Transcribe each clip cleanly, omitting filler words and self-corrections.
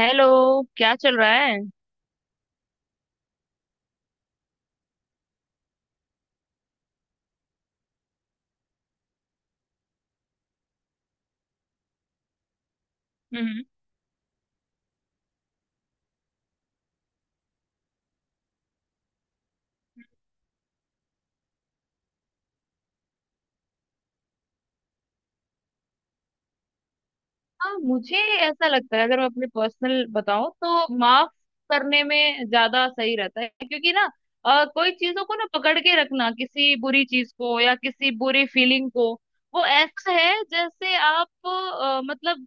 Hello. क्या चल रहा है? हम्म। हाँ, मुझे ऐसा लगता है, अगर मैं अपने पर्सनल बताऊं तो माफ करने में ज्यादा सही रहता है, क्योंकि ना कोई चीजों को ना पकड़ के रखना किसी बुरी चीज को या किसी बुरी फीलिंग को, वो ऐसा है जैसे आप मतलब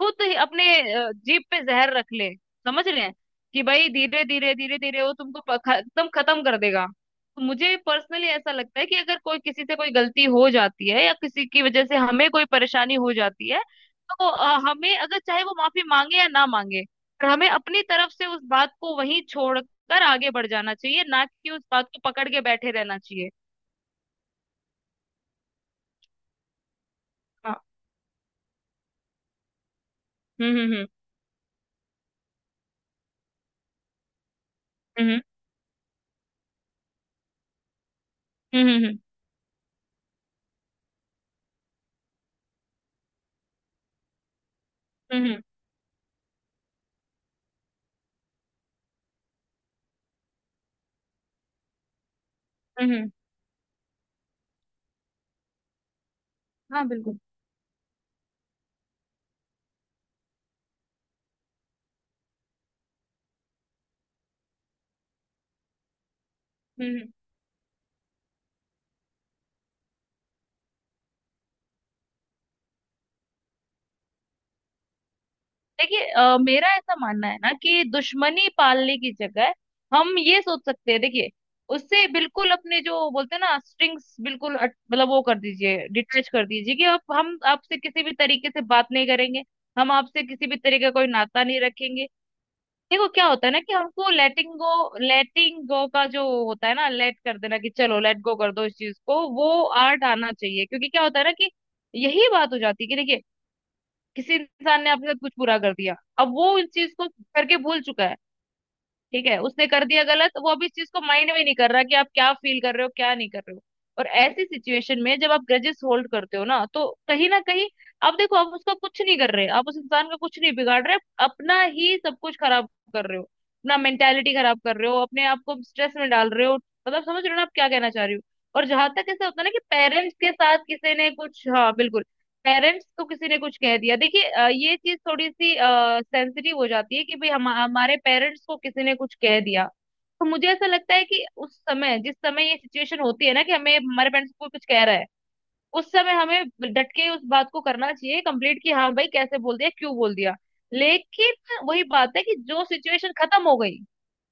खुद ही अपने जीभ पे जहर रख ले, समझ रहे हैं कि भाई धीरे धीरे वो तुमको एकदम खत्म कर देगा। तो मुझे पर्सनली ऐसा लगता है कि अगर कोई किसी से कोई गलती हो जाती है या किसी की वजह से हमें कोई परेशानी हो जाती है, तो हमें, अगर चाहे वो माफी मांगे या ना मांगे, पर हमें अपनी तरफ से उस बात को वहीं छोड़कर आगे बढ़ जाना चाहिए, ना कि उस बात को पकड़ के बैठे रहना चाहिए। हाँ। हम्म। हम्म। हम्म। हम्म। हम्म। हम्म। हम्म। हम्म। हम्म, हम्म, हाँ, बिल्कुल। हम्म। हम्म। देखिए, मेरा ऐसा मानना है ना, कि दुश्मनी पालने की जगह हम ये सोच सकते हैं। देखिए, उससे बिल्कुल अपने, जो बोलते हैं ना, स्ट्रिंग्स बिल्कुल मतलब वो कर दीजिए, डिटैच कर दीजिए, कि अब हम आपसे किसी भी तरीके से बात नहीं करेंगे, हम आपसे किसी भी तरीके का कोई नाता नहीं रखेंगे। देखो क्या होता है ना, कि हमको लेटिंग गो, लेटिंग गो का जो होता है ना, लेट कर देना कि चलो लेट गो कर दो इस चीज को, वो आर्ट आना चाहिए। क्योंकि क्या होता है ना कि यही बात हो जाती है, कि देखिए, किसी इंसान ने आपके साथ कुछ बुरा कर दिया, अब वो इस चीज को करके भूल चुका है। ठीक है, उसने कर दिया गलत, वो अब इस चीज को माइंड में नहीं कर रहा कि आप क्या फील कर रहे हो, क्या नहीं कर रहे हो। और ऐसी सिचुएशन में जब आप ग्रजेस होल्ड करते हो ना, तो कहीं ना कहीं आप, देखो, आप उसका कुछ नहीं कर रहे, आप उस इंसान का कुछ नहीं बिगाड़ रहे, आप अपना ही सब कुछ खराब कर रहे हो, अपना मेंटेलिटी खराब कर रहे हो, अपने आप को स्ट्रेस में डाल रहे हो। मतलब समझ रहे हो ना आप क्या कहना चाह रही हो। और जहां तक ऐसा होता है ना कि पेरेंट्स के साथ किसी ने कुछ, हाँ बिल्कुल, पेरेंट्स को किसी ने कुछ कह दिया, देखिए ये चीज थोड़ी सी सेंसिटिव हो जाती है कि भाई हम, हमारे पेरेंट्स को किसी ने कुछ कह दिया, तो मुझे ऐसा लगता है कि उस समय, जिस समय ये सिचुएशन होती है ना कि हमें, हमारे पेरेंट्स को कुछ कह रहा है, उस समय हमें डट के उस बात को करना चाहिए कंप्लीट, कि हाँ भाई कैसे बोल दिया, क्यों बोल दिया। लेकिन वही बात है कि जो सिचुएशन खत्म हो गई,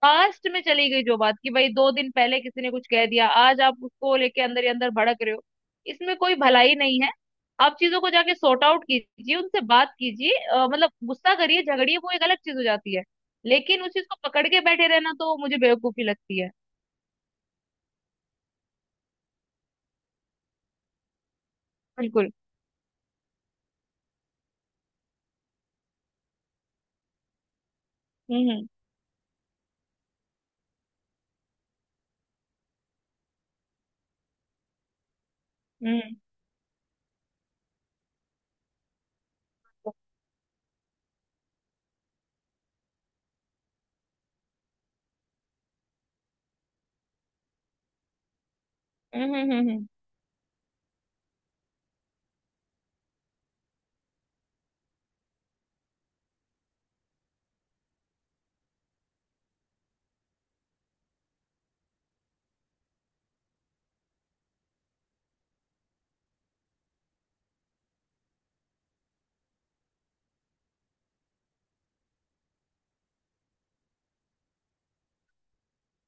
पास्ट में चली गई, जो बात कि भाई 2 दिन पहले किसी ने कुछ कह दिया, आज आप उसको लेके अंदर ही अंदर भड़क रहे हो, इसमें कोई भलाई नहीं है। आप चीजों को जाके सॉर्ट आउट कीजिए, उनसे बात कीजिए, मतलब गुस्सा करिए, झगड़िए, वो एक अलग चीज हो जाती है। लेकिन उस चीज को पकड़ के बैठे रहना तो मुझे बेवकूफी लगती है। बिल्कुल। हम्म। हम्म। हम्म। हम्म। हम्म।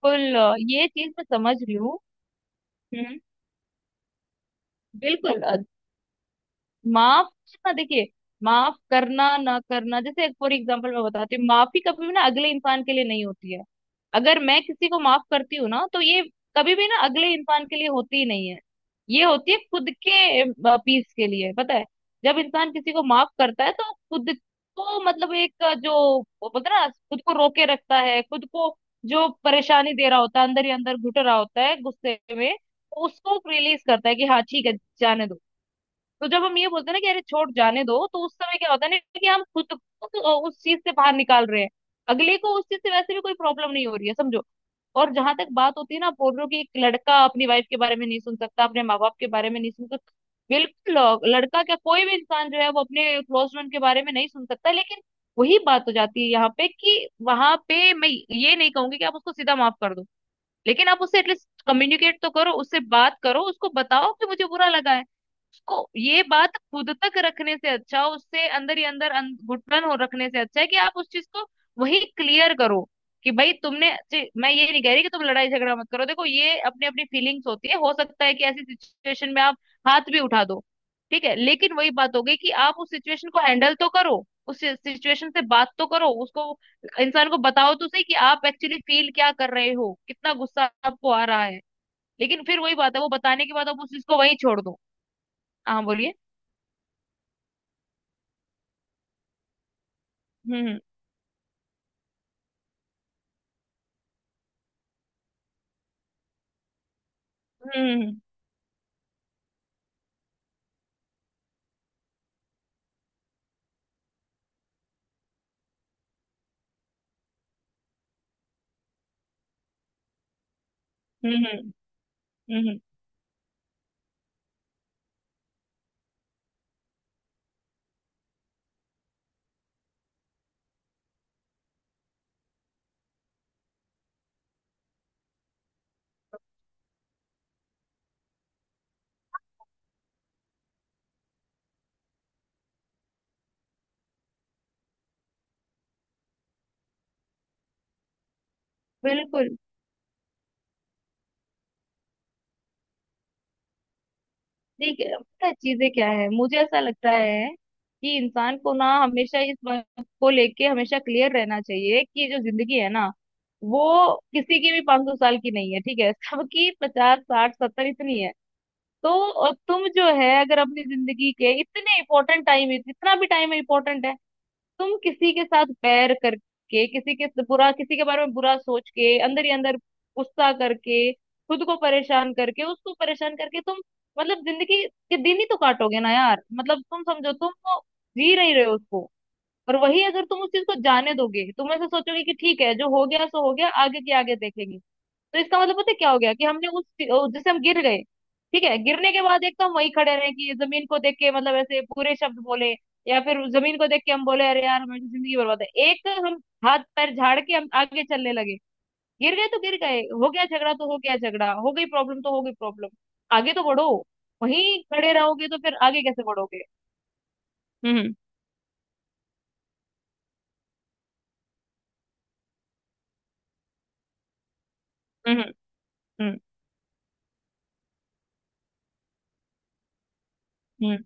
बिल्कुल, ये चीज मैं समझ रही हूँ। हम्म। बिल्कुल, माफ करना, देखिए, माफ करना ना करना, जैसे फॉर एग्जांपल मैं बताती हूँ, माफी कभी भी ना अगले इंसान के लिए नहीं होती है। अगर मैं किसी को माफ करती हूँ ना, तो ये कभी भी ना अगले इंसान के लिए होती ही नहीं है। ये होती है खुद के पीस के लिए, पता है? जब इंसान किसी को माफ करता है तो वो खुद को, मतलब एक जो वो बोलते हैं ना, खुद को रोके रखता है, खुद को, जो परेशानी दे रहा होता है, अंदर ही अंदर घुट रहा होता है गुस्से में, तो उसको रिलीज करता है कि हाँ ठीक है, जाने दो। तो जब हम ये बोलते हैं ना कि अरे छोड़, जाने दो, तो उस समय क्या होता है ना, कि हम खुद को उस चीज से बाहर निकाल रहे हैं। अगले को उस चीज से वैसे भी कोई प्रॉब्लम नहीं हो रही है, समझो। और जहां तक बात होती है ना, आप बोल रहे हो कि एक लड़का अपनी वाइफ के बारे में नहीं सुन सकता, अपने माँ बाप के बारे में नहीं सुन सकता। बिल्कुल, लड़का क्या, कोई भी इंसान जो है वो अपने क्लोज फ्रेंड के बारे में नहीं सुन सकता। लेकिन वही बात हो जाती है यहाँ पे कि वहां पे मैं ये नहीं कहूंगी कि आप उसको सीधा माफ कर दो। लेकिन आप उससे एटलीस्ट कम्युनिकेट तो करो, उससे बात करो, उसको बताओ कि मुझे बुरा लगा है। उसको ये बात खुद तक रखने से अच्छा, उससे अंदर ही अंदर घुटन हो रखने से, अच्छा है कि आप उस चीज को वही क्लियर करो, कि भाई तुमने मैं ये नहीं कह रही कि तुम लड़ाई झगड़ा मत करो। देखो ये अपनी अपनी फीलिंग्स होती है, हो सकता है कि ऐसी सिचुएशन में आप हाथ भी उठा दो, ठीक है, लेकिन वही बात हो गई कि आप उस सिचुएशन को हैंडल तो करो, उस सिचुएशन से बात तो करो उसको, इंसान को बताओ तो सही कि आप एक्चुअली फील क्या कर रहे हो, कितना गुस्सा आपको आ रहा है। लेकिन फिर वही बात है, वो बताने के बाद आप उस चीज को वहीं छोड़ दो। हाँ बोलिए। हम्म। हम्म। हम्म। हम्म। हम्म। बिल्कुल। ठीक है, पता है चीजें क्या है, मुझे ऐसा लगता है कि इंसान को ना हमेशा इस बात को लेके हमेशा क्लियर रहना चाहिए कि जो जिंदगी है ना, वो किसी की भी 500 साल की नहीं है, ठीक है, सबकी 50, 60, 70 इतनी है। तो तुम जो है, अगर अपनी जिंदगी के इतने इम्पोर्टेंट टाइम, इतना भी टाइम इम्पोर्टेंट है, तुम किसी के साथ बैर करके, किसी के बुरा, किसी के बारे में बुरा सोच के, अंदर ही अंदर गुस्सा करके, खुद को परेशान करके, उसको परेशान करके, तुम मतलब जिंदगी के दिन ही तो काटोगे ना यार। मतलब तुम समझो, तुम वो जी नहीं रहे हो उसको। और वही अगर तुम उस चीज को जाने दोगे, तुम ऐसे सोचोगे कि ठीक है जो हो गया सो हो गया, आगे के आगे देखेंगे, तो इसका मतलब पता है क्या हो गया कि हमने उस, जैसे हम गिर गए, ठीक है, गिरने के बाद एक तो हम वहीं खड़े रहे कि जमीन को देख के मतलब ऐसे पूरे शब्द बोले, या फिर जमीन को देख के हम बोले अरे यार हमारी तो जिंदगी बर्बाद है, एक हम हाथ पैर झाड़ के हम आगे चलने लगे। गिर गए तो गिर गए, हो गया झगड़ा तो हो गया झगड़ा, हो गई प्रॉब्लम तो हो गई प्रॉब्लम, आगे तो बढ़ो। वहीं खड़े रहोगे तो फिर आगे कैसे बढ़ोगे? हम्म। हम्म। हम्म। हम्म।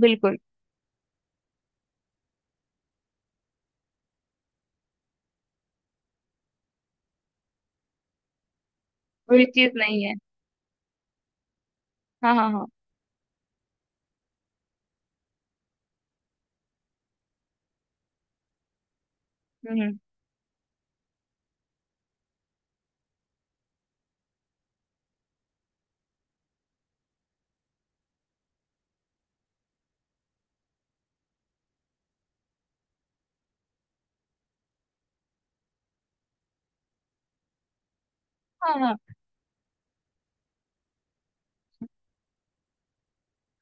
बिल्कुल, बुरी चीज नहीं है। हाँ हाँ हाँ। हम्म। हाँ हाँ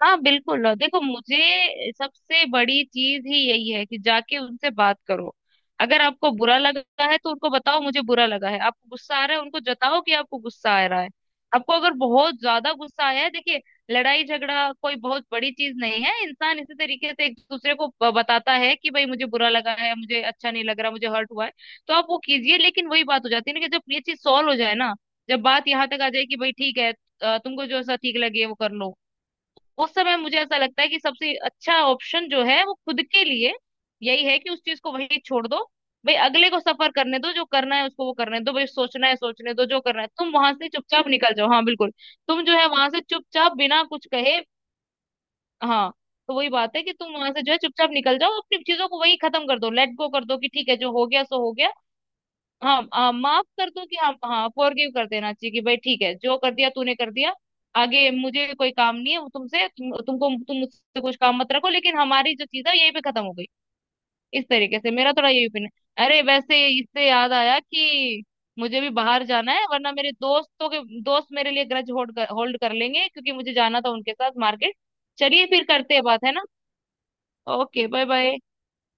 हाँ, बिल्कुल। और देखो, मुझे सबसे बड़ी चीज ही यही है कि जाके उनसे बात करो। अगर आपको बुरा लगा है तो उनको बताओ मुझे बुरा लगा है, आपको गुस्सा आ रहा है, उनको जताओ कि आपको गुस्सा आ रहा है। आपको अगर बहुत ज्यादा गुस्सा आया है, देखिए, लड़ाई झगड़ा कोई बहुत बड़ी चीज नहीं है, इंसान इसी तरीके से एक दूसरे को बताता है कि भाई मुझे बुरा लगा है, मुझे अच्छा नहीं लग रहा, मुझे हर्ट हुआ है। तो आप वो कीजिए, लेकिन वही बात हो जाती है ना कि जब ये चीज सॉल्व हो जाए ना, जब बात यहाँ तक आ जाए कि भाई ठीक है, तुमको जो ऐसा ठीक लगे वो कर लो, उस समय मुझे ऐसा लगता है कि सबसे अच्छा ऑप्शन जो है वो खुद के लिए यही है कि उस चीज को वही छोड़ दो। भाई अगले को सफर करने दो, जो करना है उसको वो करने दो, भाई सोचना है सोचने दो, जो करना है, तुम वहां से चुपचाप निकल जाओ। हाँ बिल्कुल, तुम जो है वहां से चुपचाप बिना कुछ कहे, हाँ, तो वही बात है कि तुम वहां से जो है चुपचाप निकल जाओ, अपनी चीजों को वही खत्म कर दो, लेट गो कर दो कि ठीक है जो हो गया सो हो गया। हाँ हाँ, माफ कर दो कि हाँ हाँ, फॉरगिव कर देना चाहिए कि भाई ठीक है, जो कर दिया तूने कर दिया, आगे मुझे कोई काम नहीं है वो तुमसे, तुमको तुम मुझसे कुछ काम मत रखो, लेकिन हमारी जो चीज है यहीं पे खत्म हो गई। इस तरीके से मेरा थोड़ा यही ओपिनियन है। अरे वैसे इससे याद आया कि मुझे भी बाहर जाना है, वरना मेरे दोस्तों के दोस्त मेरे लिए ग्रज होल्ड कर लेंगे, क्योंकि मुझे जाना था उनके साथ मार्केट। चलिए फिर करते हैं बात, है ना। Okay bye bye.